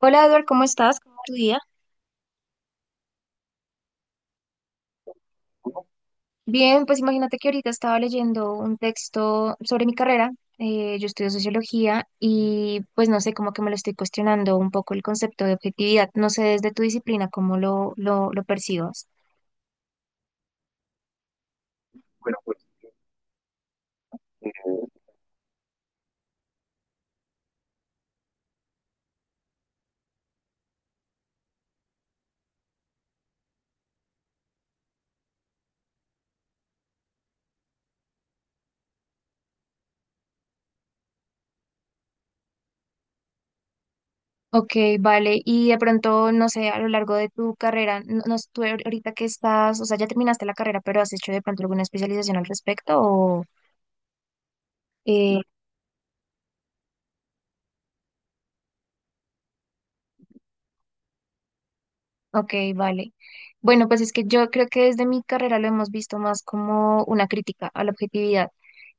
Hola Edward, ¿cómo estás? ¿Cómo va tu día? Bien, pues imagínate que ahorita estaba leyendo un texto sobre mi carrera. Yo estudio sociología y pues no sé, como que me lo estoy cuestionando un poco el concepto de objetividad. No sé desde tu disciplina cómo lo percibas. Ok, vale. Y de pronto, no sé, a lo largo de tu carrera, no, no sé, tú ahorita que estás, o sea, ya terminaste la carrera, pero has hecho de pronto alguna especialización al respecto o... eh, Ok, vale. Bueno, pues es que yo creo que desde mi carrera lo hemos visto más como una crítica a la objetividad.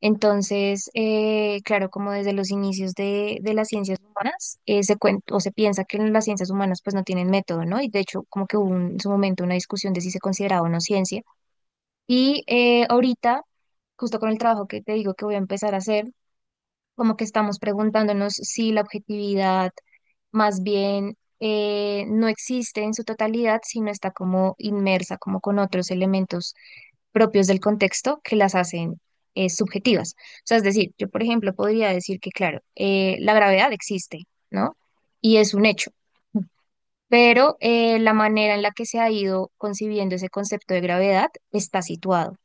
Entonces, claro, como desde los inicios de las ciencias humanas, o se piensa que las ciencias humanas pues no tienen método, ¿no? Y de hecho, como que en su momento una discusión de si se consideraba o no ciencia. Y ahorita, justo con el trabajo que te digo que voy a empezar a hacer, como que estamos preguntándonos si la objetividad más bien no existe en su totalidad, sino está como inmersa, como con otros elementos propios del contexto que las hacen subjetivas. O sea, es decir, yo, por ejemplo, podría decir que, claro, la gravedad existe, ¿no? Y es un hecho. Pero la manera en la que se ha ido concibiendo ese concepto de gravedad está situado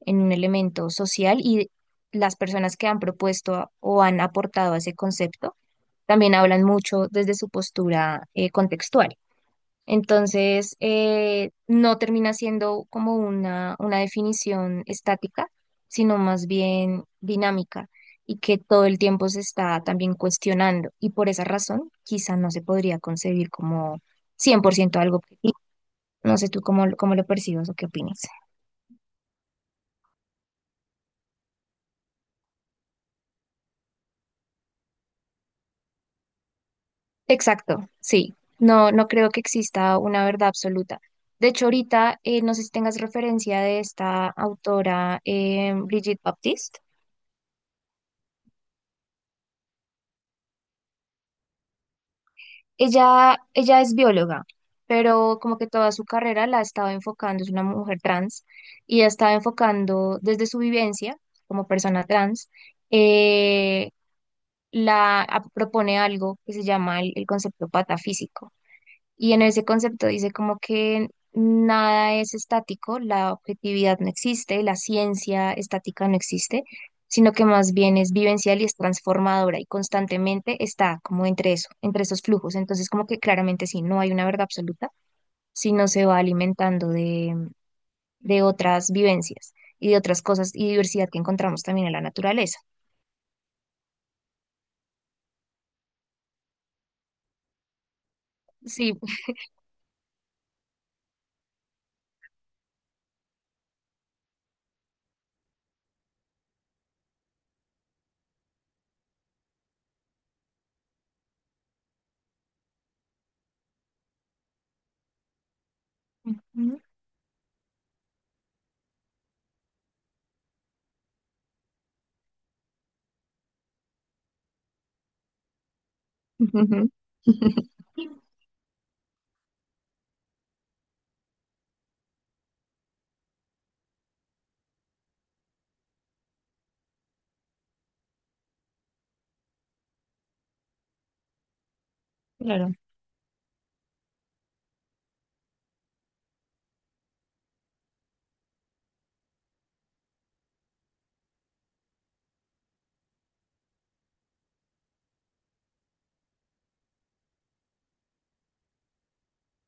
en un elemento social y las personas que han propuesto o han aportado a ese concepto también hablan mucho desde su postura contextual. Entonces, no termina siendo como una definición estática, sino más bien dinámica y que todo el tiempo se está también cuestionando. Y por esa razón, quizá no se podría concebir como 100% algo objetivo. No sé tú cómo, cómo lo percibas o qué opinas. Exacto, sí. No, no creo que exista una verdad absoluta. De hecho, ahorita no sé si tengas referencia de esta autora, Brigitte Baptiste. Ella es bióloga, pero como que toda su carrera la ha estado enfocando, es una mujer trans, y ha estado enfocando desde su vivencia como persona trans, eh, propone algo que se llama el concepto patafísico. Y en ese concepto dice como que nada es estático, la objetividad no existe, la ciencia estática no existe, sino que más bien es vivencial y es transformadora y constantemente está como entre eso, entre esos flujos. Entonces como que claramente sí, no hay una verdad absoluta, sino se va alimentando de otras vivencias y de otras cosas y diversidad que encontramos también en la naturaleza. Sí. Ujú. Claro.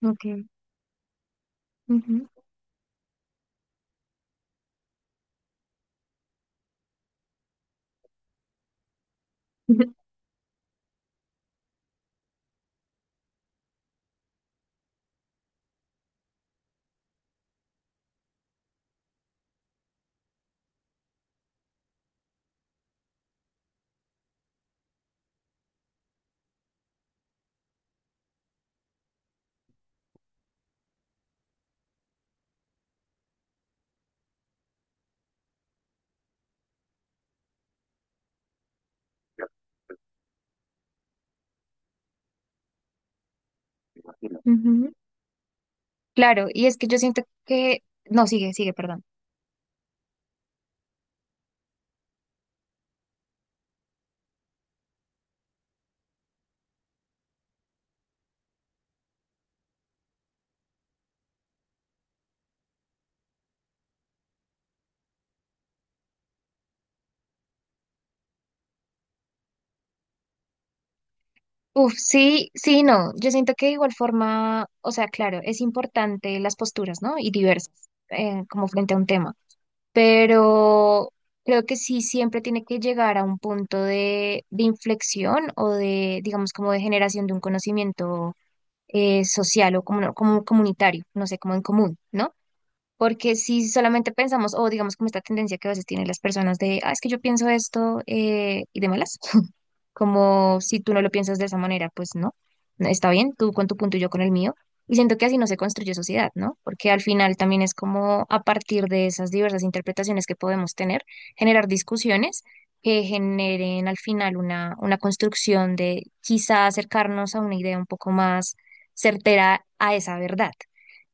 Ok. Ujú. Ujú. Claro, y es que yo siento que, no, sigue, sigue, perdón. Uf, sí, sí, no, yo siento que de igual forma, o sea, claro, es importante las posturas, ¿no? Y diversas, como frente a un tema, pero creo que sí siempre tiene que llegar a un punto de inflexión o de, digamos, como de generación de un conocimiento social o como, como comunitario, no sé, como en común, ¿no? Porque si solamente pensamos, o digamos como esta tendencia que a veces tienen las personas de, ah, es que yo pienso esto y de malas, como si tú no lo piensas de esa manera, pues no, no, está bien, tú con tu punto y yo con el mío. Y siento que así no se construye sociedad, ¿no? Porque al final también es como a partir de esas diversas interpretaciones que podemos tener, generar discusiones que generen al final una construcción de quizá acercarnos a una idea un poco más certera a esa verdad.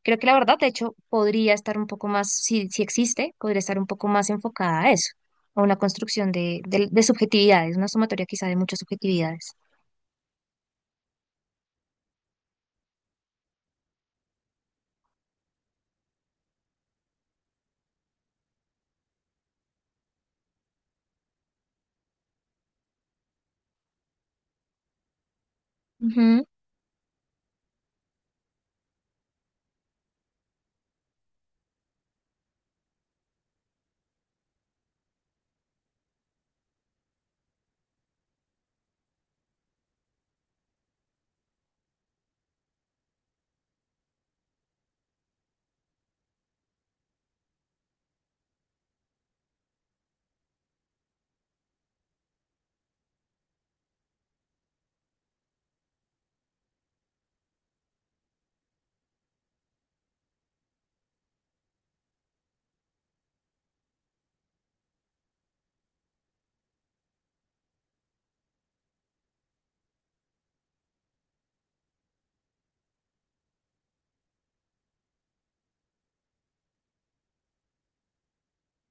Creo que la verdad, de hecho, podría estar un poco más, si, si existe, podría estar un poco más enfocada a eso, a una construcción de subjetividades, una sumatoria quizá de muchas subjetividades. Ujú.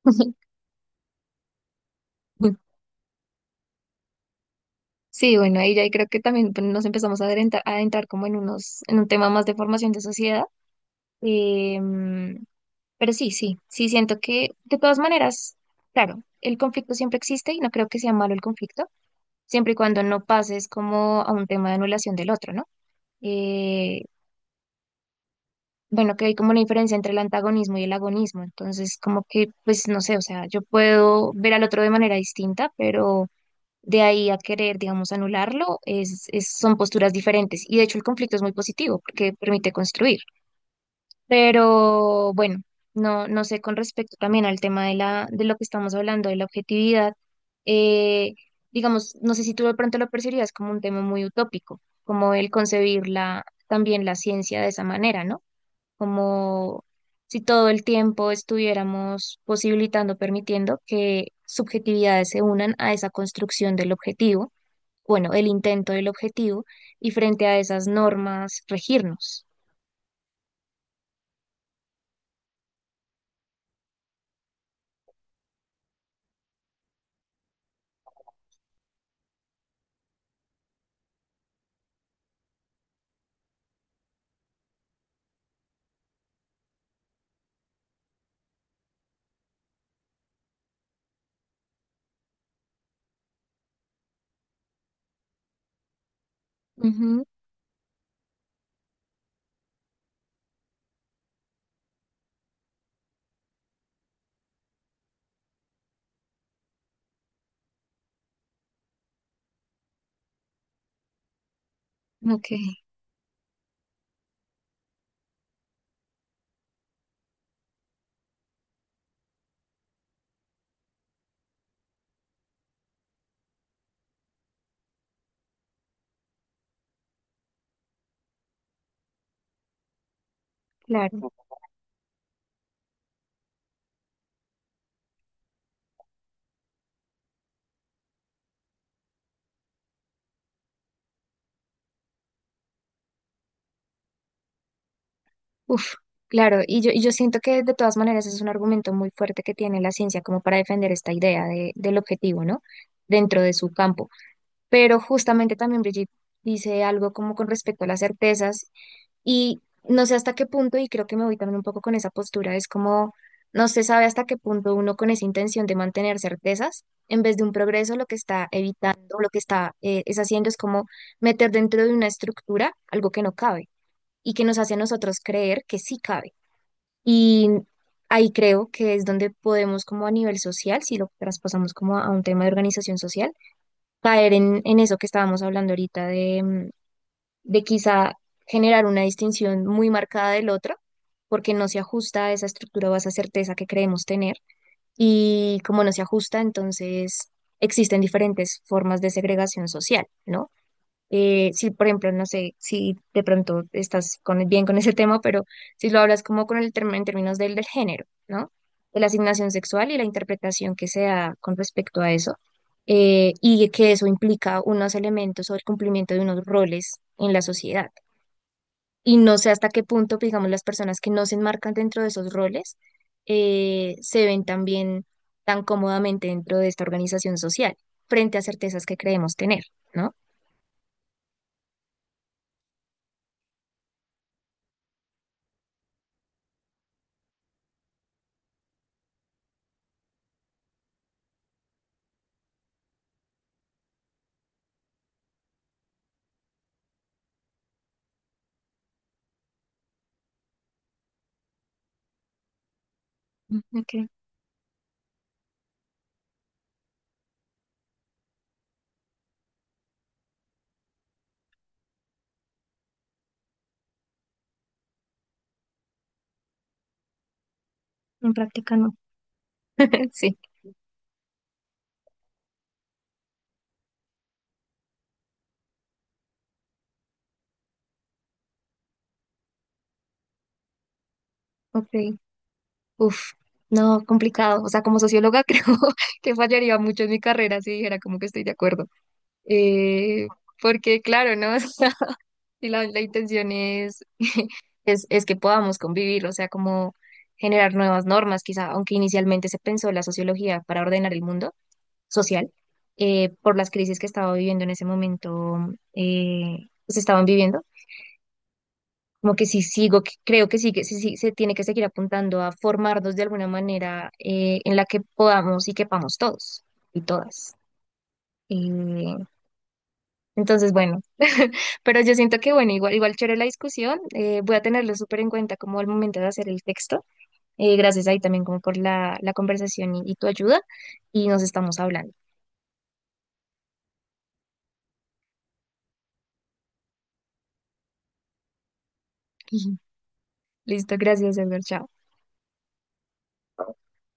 Sí, bueno, ahí ya creo que también pues, nos empezamos a adentrar como en unos, en un tema más de formación de sociedad. Em, pero sí, sí, sí siento que de todas maneras, claro, el conflicto siempre existe y no creo que sea malo el conflicto, siempre y cuando no pases como a un tema de anulación del otro, ¿no? Eh, bueno, que hay como una diferencia entre el antagonismo y el agonismo. Entonces, como que, pues no sé, o sea, yo puedo ver al otro de manera distinta, pero de ahí a querer, digamos, anularlo, son posturas diferentes. Y de hecho el conflicto es muy positivo porque permite construir. Pero bueno, no, no sé con respecto también al tema de la, de lo que estamos hablando, de la objetividad. eh, digamos, no sé si tú de pronto lo percibías como un tema muy utópico, como el concebir la, también la ciencia de esa manera, ¿no? Como si todo el tiempo estuviéramos posibilitando, permitiendo que subjetividades se unan a esa construcción del objetivo, bueno, el intento del objetivo, y frente a esas normas regirnos. Ujú, ok, claro. Uf, claro. Y yo siento que de todas maneras es un argumento muy fuerte que tiene la ciencia como para defender esta idea del objetivo, ¿no? Dentro de su campo. Pero justamente también Brigitte dice algo como con respecto a las certezas. Y no sé hasta qué punto, y creo que me voy también un poco con esa postura, es como no se sabe hasta qué punto uno con esa intención de mantener certezas, en vez de un progreso, lo que está evitando, lo que está es haciendo es como meter dentro de una estructura algo que no cabe y que nos hace a nosotros creer que sí cabe. Y ahí creo que es donde podemos como a nivel social, si lo traspasamos como a un tema de organización social, caer en eso que estábamos hablando ahorita de quizá generar una distinción muy marcada del otro, porque no se ajusta a esa estructura o a esa certeza que creemos tener. Y como no se ajusta, entonces existen diferentes formas de segregación social, ¿no? Si, por ejemplo, no sé si de pronto estás con, bien con ese tema, pero si lo hablas como con el término en términos del género, ¿no? De la asignación sexual y la interpretación que se da con respecto a eso y que eso implica unos elementos o el cumplimiento de unos roles en la sociedad. Y no sé hasta qué punto, digamos, las personas que no se enmarcan dentro de esos roles se ven también tan cómodamente dentro de esta organización social, frente a certezas que creemos tener, ¿no? Mm, ok, en práctica no. Sí, ok. Uf, no, complicado. O sea, como socióloga creo que fallaría mucho en mi carrera si dijera como que estoy de acuerdo. Eh, Porque claro, ¿no? O sea, si la, la intención es que podamos convivir, o sea, como generar nuevas normas, quizá, aunque inicialmente se pensó la sociología para ordenar el mundo social, por las crisis que estaba viviendo en ese momento, eh, se estaban viviendo, como que sí sigo, creo que sí, sí se tiene que seguir apuntando a formarnos de alguna manera en la que podamos y quepamos todos y todas. Eh, entonces, bueno, pero yo siento que, bueno, igual, igual chévere la discusión, voy a tenerlo súper en cuenta como el momento de hacer el texto. Gracias ahí también como por la conversación y tu ayuda y nos estamos hablando. Listo, gracias, Edgar. Chao.